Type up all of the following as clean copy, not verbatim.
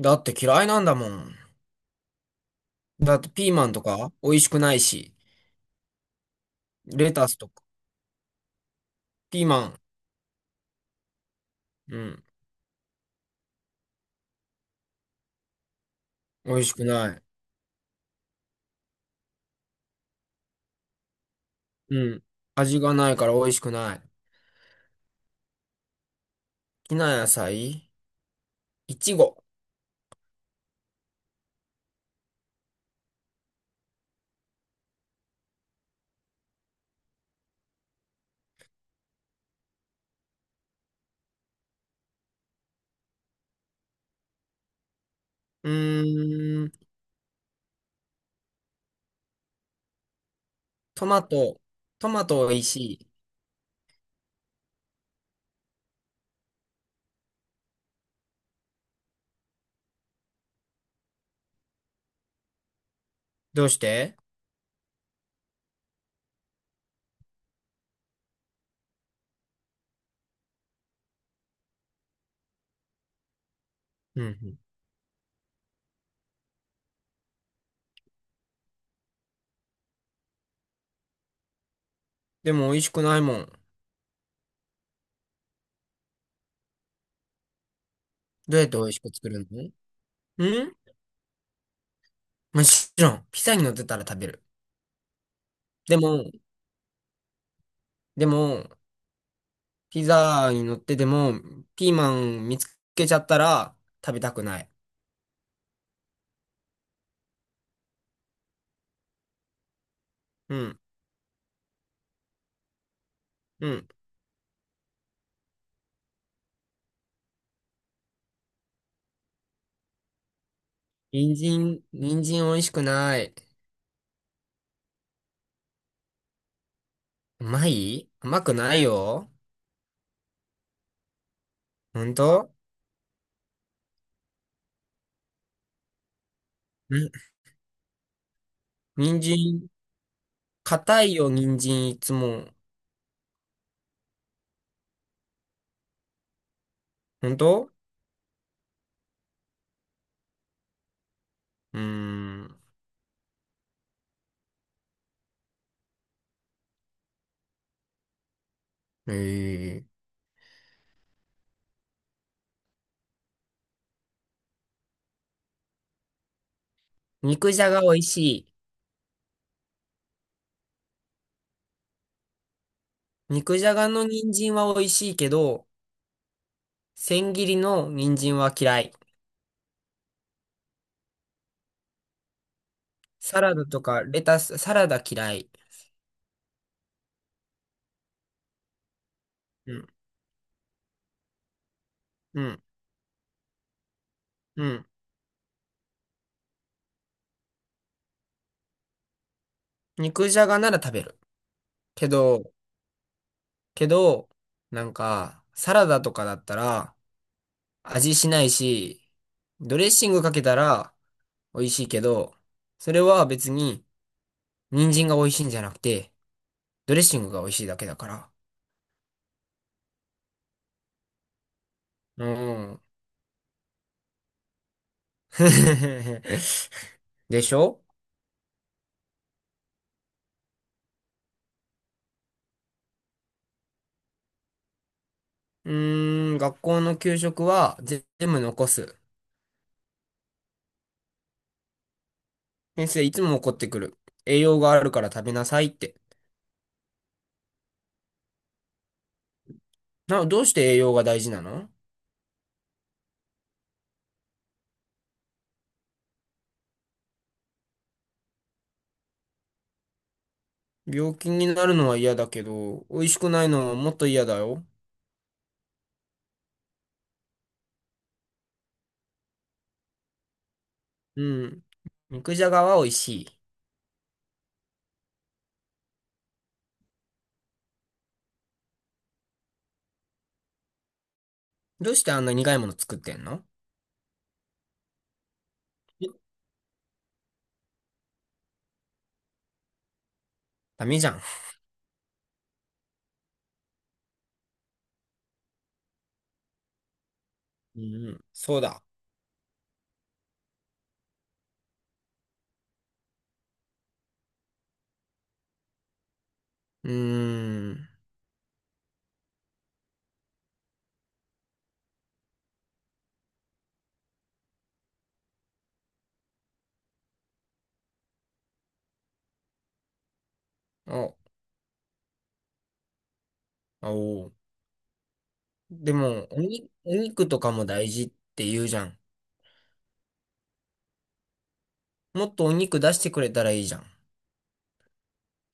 だって嫌いなんだもん。だってピーマンとか美味しくないし、レタスとか、ピーマン、うん、美味しくない。うん、味がないから美味しくない。好きな野菜、いちご。うーん、トマト、トマト美味しい。どうして？うんうん。でも美味しくないもん。どうやって美味しく作るの？うん、もちろん、ピザに乗ってたら食べる。でも、でも、ピザに乗ってても、ピーマン見つけちゃったら食べたくない。うんうん。人参美味しくない。うまくないよ。ほんと？ん、人参、硬いよ、人参いつも。ほんと？うーん。えー肉じゃが美味しい。肉じゃがの人参は美味しいけど、千切りの人参は嫌い。サラダとかレタス、サラダ嫌い。うん、うん、うん。肉じゃがなら食べる。けど、けど、なんか、サラダとかだったら、味しないし、ドレッシングかけたら美味しいけど、それは別に人参が美味しいんじゃなくて、ドレッシングが美味しいだけだから。うん。でしょ？うーん、学校の給食は全部残す。先生いつも怒ってくる。栄養があるから食べなさいって。どうして栄養が大事なの？病気になるのは嫌だけど、美味しくないのはもっと嫌だよ。うん。肉じゃがは美味しい。どうしてあんな苦いもの作ってんの？ダメじゃん。うん、そうだ。うーん。お、おう。でも、お肉とかも大事って言うじゃん。もっとお肉出してくれたらいいじゃん。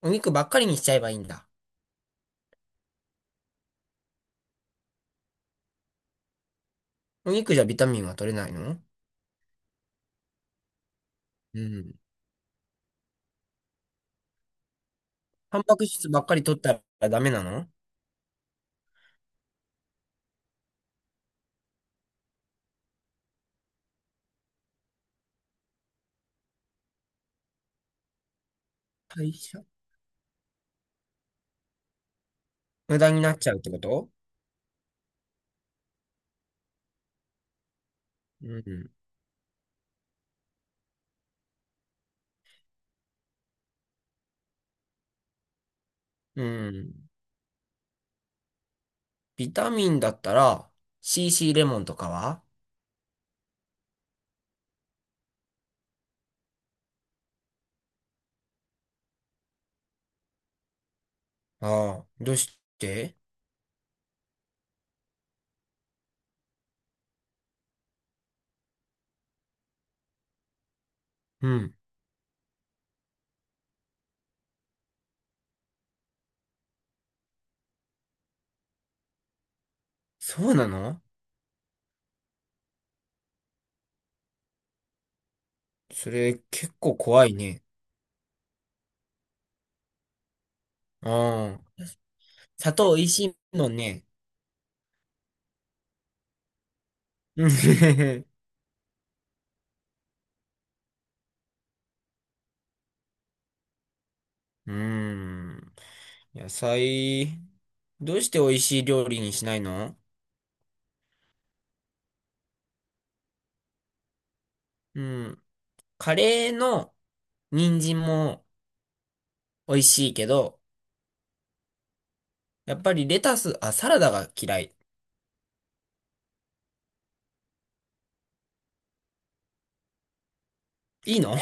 お肉ばっかりにしちゃえばいいんだ。お肉じゃビタミンは取れないの？うん。タンパク質ばっかり取ったらダメなの？代謝？無駄になっちゃうってこと？うん。うん。ビタミンだったら、CC レモンとかは？ああ、どうして？うん。そうなの？それ結構怖いね。うん。砂糖美味しいもんね。うん。うん、野菜、どうして美味しい料理にしないの？うん。カレーの人参も美味しいけど、やっぱりレタス、あ、サラダが嫌い。いいの？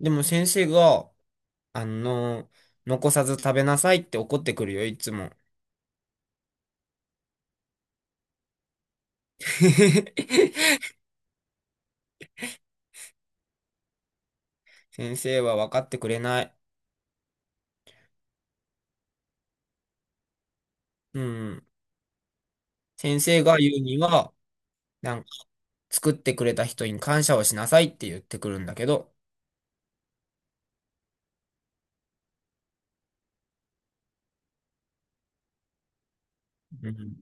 でも先生が、あの、残さず食べなさいって怒ってくるよ、いつも。先生は分かってくれない。うん。先生が言うには、なんか、作ってくれた人に感謝をしなさいって言ってくるんだけど。うん。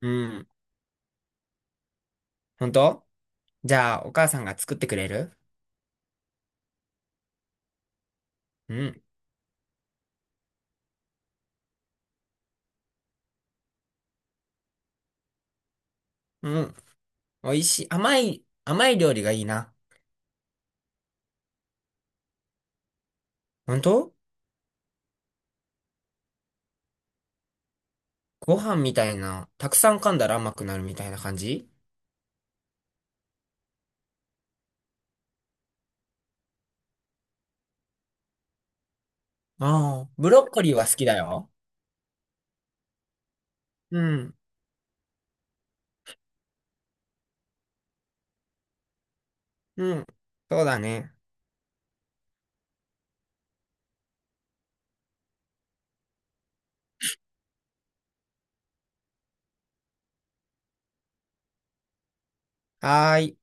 うん。本当？じゃあ、お母さんが作ってくれる？うん。うん。美味しい。甘い、甘い料理がいいな。本当？ご飯みたいな、たくさん噛んだら甘くなるみたいな感じ？ああ、ブロッコリーは好きだよ。うん。うん。そうだね。はーい。